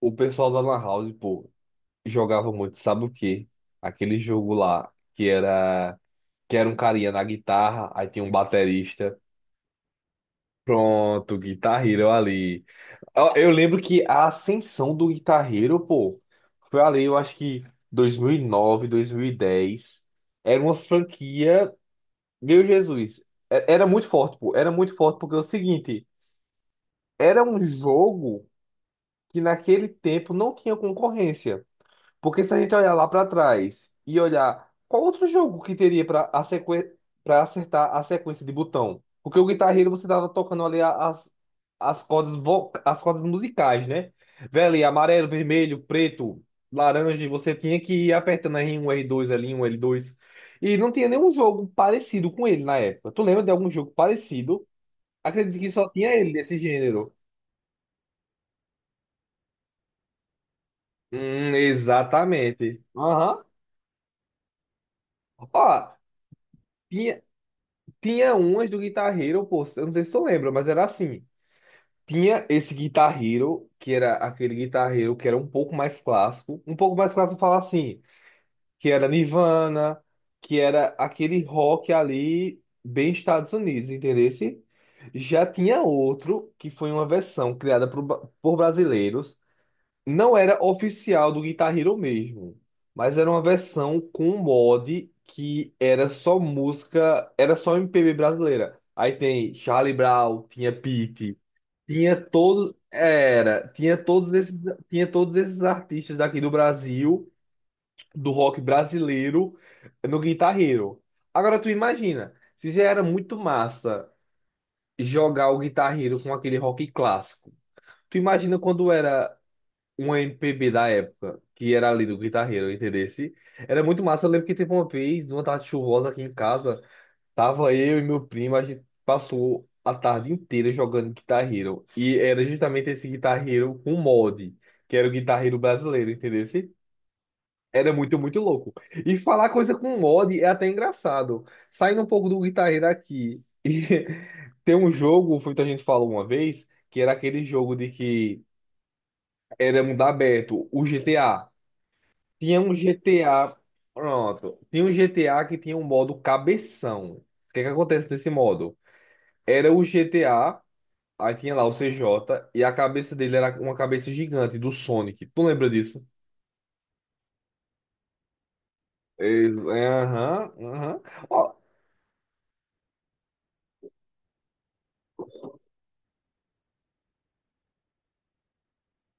O pessoal da Lan House, pô, jogava muito, sabe o quê? Aquele jogo lá que era um carinha na guitarra, aí tinha um baterista. Pronto, Guitar Hero ali. Eu lembro que a ascensão do Guitar Hero, pô, foi ali. Eu acho que dois mil e nove, 2010. Era uma franquia, meu Jesus, era muito forte, pô, era muito forte porque é o seguinte, era um jogo que naquele tempo não tinha concorrência. Porque se a gente olhar lá para trás e olhar qual outro jogo que teria para a para acertar a sequência de botão? Porque o Guitar Hero você tava tocando ali as cordas musicais, né? Velho, amarelo, vermelho, preto, laranja, e você tinha que ir apertando R1 R2 L1 L2. E não tinha nenhum jogo parecido com ele na época. Tu lembra de algum jogo parecido? Acredito que só tinha ele desse gênero. Exatamente. Aham. Ó, tinha. Tinha umas do Guitar Hero, pô, eu não sei se tu lembra, mas era assim. Tinha esse Guitar Hero, que era aquele Guitar Hero que era um pouco mais clássico. Um pouco mais clássico falar assim, que era Nirvana, que era aquele rock ali bem Estados Unidos, entendeu? Já tinha outro, que foi uma versão criada por brasileiros, não era oficial do Guitar Hero mesmo, mas era uma versão com um mod que era só música, era só MPB brasileira. Aí tem Charlie Brown, tinha Pitty, tinha todos, era, tinha todos esses artistas daqui do Brasil, do rock brasileiro no Guitar Hero. Agora tu imagina, se já era muito massa jogar o Guitar Hero com aquele rock clássico. Tu imagina quando era uma MPB da época, que era ali do Guitar Hero, entendesse? Era muito massa. Eu lembro que teve uma vez, numa tarde chuvosa aqui em casa, tava eu e meu primo, a gente passou a tarde inteira jogando Guitar Hero. E era justamente esse Guitar Hero com mod, que era o Guitar Hero brasileiro, entendesse? Era muito, muito louco. E falar coisa com mod é até engraçado. Saindo um pouco do Guitar Hero aqui. E tem um jogo, foi o que a gente falou uma vez, que era aquele jogo de que era mundo aberto, o GTA. Tinha um GTA. Pronto. Tinha um GTA que tinha um modo cabeção. O que é que acontece nesse modo? Era o GTA, aí tinha lá o CJ, e a cabeça dele era uma cabeça gigante do Sonic. Tu lembra disso? É, aham, aham. Ó,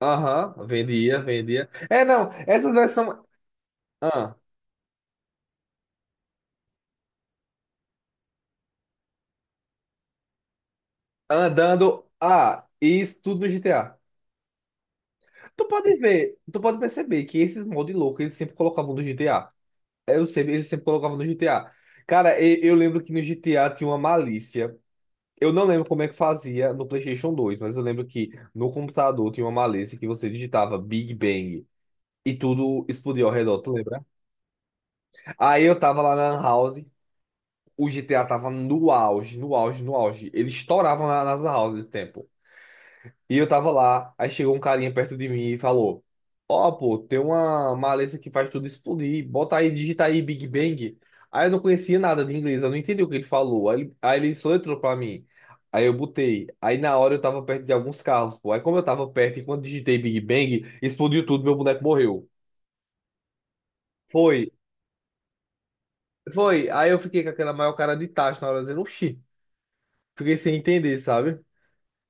aham, vendia, vendia. É, não, essa versão. ah, Andando. Ah, isso tudo no GTA. Tu pode ver, tu pode perceber que esses mods loucos eles sempre colocavam no GTA. Eu sempre, ele sempre colocava no GTA. Cara, eu lembro que no GTA tinha uma malícia. Eu não lembro como é que fazia no PlayStation 2, mas eu lembro que no computador tinha uma malícia que você digitava Big Bang e tudo explodia ao redor, tu lembra? Aí eu tava lá na Lan House, o GTA tava no auge, no auge, no auge. Ele estourava nas Lan Houses nesse tempo. E eu tava lá, aí chegou um carinha perto de mim e falou: "Ó, pô, tem uma maleza que faz tudo explodir, bota aí, digita aí Big Bang." Aí eu não conhecia nada de inglês, eu não entendi o que ele falou. Aí, ele soletrou pra mim. Aí eu botei. Aí na hora eu tava perto de alguns carros, pô. Aí como eu tava perto e quando digitei Big Bang, explodiu tudo, meu boneco morreu. Foi, foi. Aí eu fiquei com aquela maior cara de tacho na hora, dizendo: "Oxi", fiquei sem entender, sabe?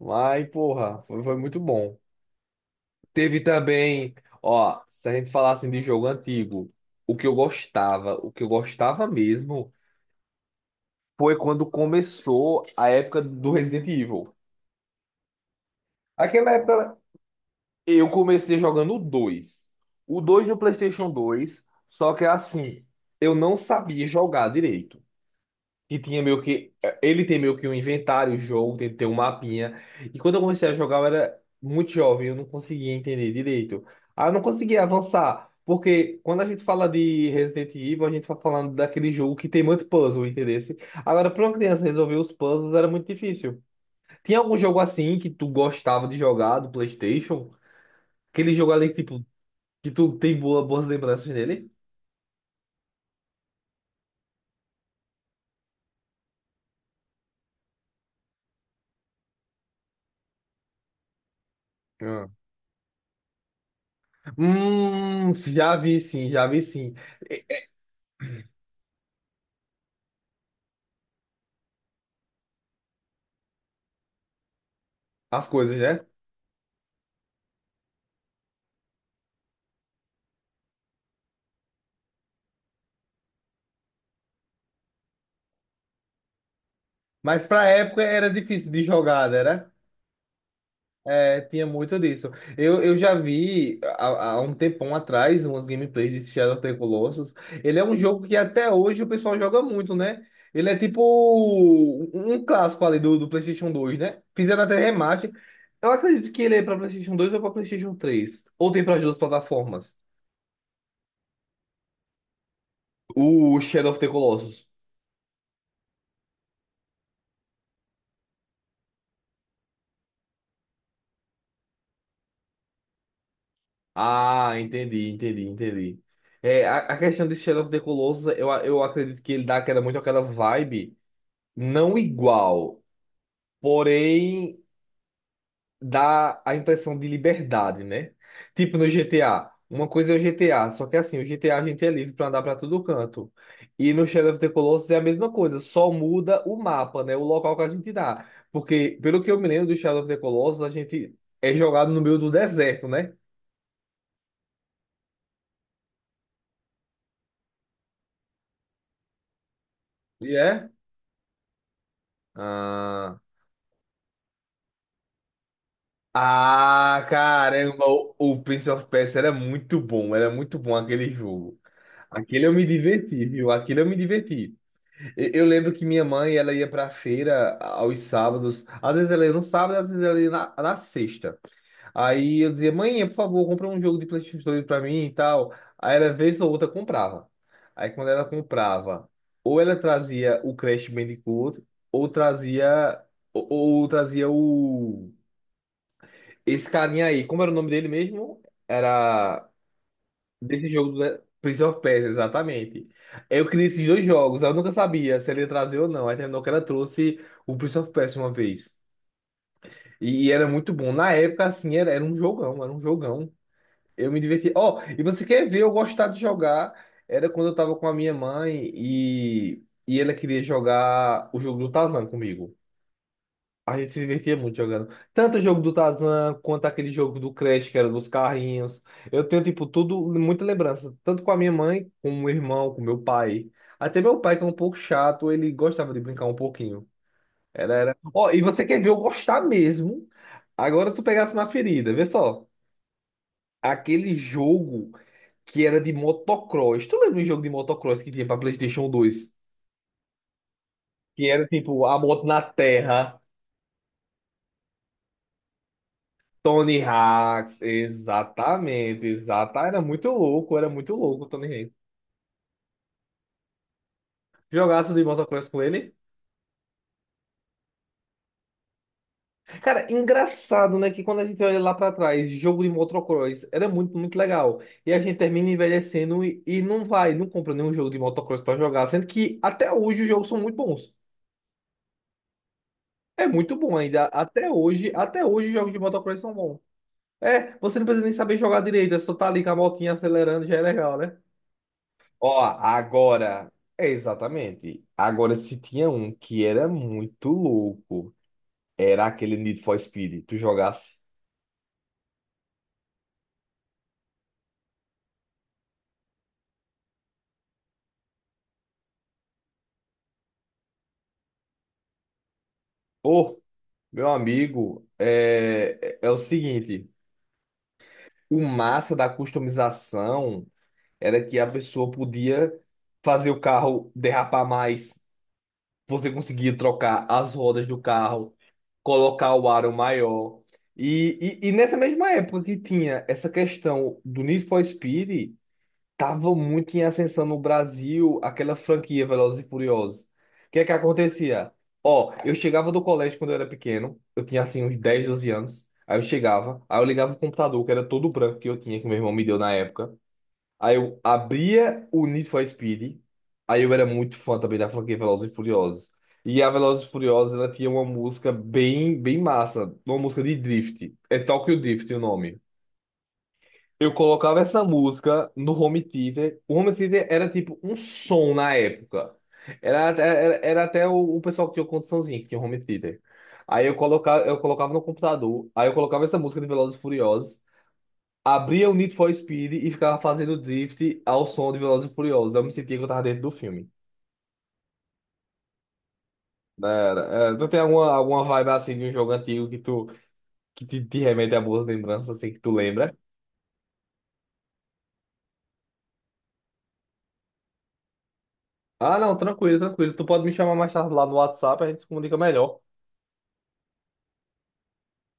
Mas, porra, foi, foi muito bom. Teve também, ó, se a gente falar assim de jogo antigo, o que eu gostava, o que eu gostava mesmo, foi quando começou a época do Resident Evil. Aquela época eu comecei jogando o 2. O 2 no PlayStation 2, só que assim, eu não sabia jogar direito. Que tinha meio que. Eh, Ele tem meio que um inventário, o jogo, tem que ter um mapinha. E quando eu comecei a jogar, eu era muito jovem, eu não conseguia entender direito. Ah, eu não conseguia avançar. Porque quando a gente fala de Resident Evil, a gente tá falando daquele jogo que tem muito puzzle, entendeu? Agora, pra uma criança resolver os puzzles era muito difícil. Tinha algum jogo assim que tu gostava de jogar do PlayStation? Aquele jogo ali que, tipo, que tu tem boas lembranças dele? Ah. Já vi sim, já vi sim. As coisas, né? Mas pra época era difícil de jogar, era? É, tinha muito disso. Eu já vi há um tempão atrás umas gameplays de Shadow of the Colossus. Ele é um jogo que até hoje o pessoal joga muito, né? Ele é tipo um clássico ali do PlayStation 2, né? Fizeram até remaster. Eu acredito que ele é pra PlayStation 2 ou pra PlayStation 3. Ou tem para as duas plataformas. O Shadow of the Colossus. Ah, entendi, entendi, entendi. É, a questão de Shadow of the Colossus, eu acredito que ele dá aquela, muito aquela vibe, não igual, porém dá a impressão de liberdade, né? Tipo no GTA. Uma coisa é o GTA, só que assim, o GTA a gente é livre pra andar pra todo canto. E no Shadow of the Colossus é a mesma coisa, só muda o mapa, né? O local que a gente dá. Porque, pelo que eu me lembro do Shadow of the Colossus, a gente é jogado no meio do deserto, né? E é. Ah. Ah, caramba, o Prince of Persia era muito bom aquele jogo. Aquele eu me diverti, viu? Aquele eu me diverti. Eu lembro que minha mãe, ela ia pra feira aos sábados. Às vezes ela ia no sábado, às vezes ela ia na sexta. Aí eu dizia: "Mãe, por favor, compra um jogo de PlayStation 2 pra mim e tal." Aí ela, vez ou outra, comprava. Aí quando ela comprava, ou ela trazia o Crash Bandicoot, ou trazia, ou trazia o esse carinha aí. Como era o nome dele mesmo? Era desse jogo do Prince of Persia, exatamente. Eu queria esses dois jogos, eu nunca sabia se ele ia trazer ou não. Aí terminou que ela trouxe o Prince of Persia uma vez. E era muito bom. Na época, assim, era, era um jogão, era um jogão. Eu me divertia. Ó, e você quer ver eu gostar de jogar? Era quando eu tava com a minha mãe e ela queria jogar o jogo do Tarzan comigo. A gente se divertia muito jogando. Tanto o jogo do Tarzan, quanto aquele jogo do Crash, que era dos carrinhos. Eu tenho, tipo, tudo, muita lembrança. Tanto com a minha mãe, com o meu irmão, com meu pai. Até meu pai, que é um pouco chato, ele gostava de brincar um pouquinho. Era, era. Ó, e você quer ver eu gostar mesmo? Agora tu pegasse na ferida, vê só. Aquele jogo que era de motocross. Tu lembra um jogo de motocross que tinha pra PlayStation 2? Que era, tipo, a moto na terra. Tony Hawk, exatamente, exata. Era muito louco o Tony Hawk. Jogaço de motocross com ele. Cara, engraçado, né? Que quando a gente olha lá pra trás, jogo de motocross era muito, muito legal. E a gente termina envelhecendo e não vai, não compra nenhum jogo de motocross pra jogar. Sendo que até hoje os jogos são muito bons. É muito bom ainda. Até hoje os jogos de motocross são bons. É, você não precisa nem saber jogar direito, é só tá ali com a motinha acelerando, já é legal, né? Ó, agora, é exatamente. Agora, se tinha um que era muito louco, era aquele Need for Speed. Tu jogasse. Pô, meu amigo, é o seguinte: o massa da customização era que a pessoa podia fazer o carro derrapar mais. Você conseguia trocar as rodas do carro, colocar o aro maior. E nessa mesma época que tinha essa questão do Need for Speed. Tava muito em ascensão no Brasil aquela franquia Velozes e Furiosos. O que é que acontecia? Ó, eu chegava do colégio quando eu era pequeno, eu tinha assim uns 10, 12 anos. Aí eu chegava, aí eu ligava o computador, que era todo branco que eu tinha, que meu irmão me deu na época. Aí eu abria o Need for Speed. Aí eu era muito fã também da franquia Velozes e Furiosos. E a Velozes e Furiosos, ela tinha uma música bem, bem massa, uma música de drift. É Tokyo Drift o nome. Eu colocava essa música no home theater. O home theater era tipo um som na época. Era até o pessoal que tinha condiçãozinha, que tinha home theater. Aí eu colocava no computador, aí eu colocava essa música de Velozes e Furiosos, abria o Need for Speed e ficava fazendo drift ao som de Velozes e Furiosos. Eu me sentia que eu tava dentro do filme. Era, era. Tu tem alguma vibe assim de um jogo antigo que te remete a boas lembranças, assim, que tu lembra? Ah, não, tranquilo, tranquilo. Tu pode me chamar mais tarde lá no WhatsApp, a gente se comunica melhor.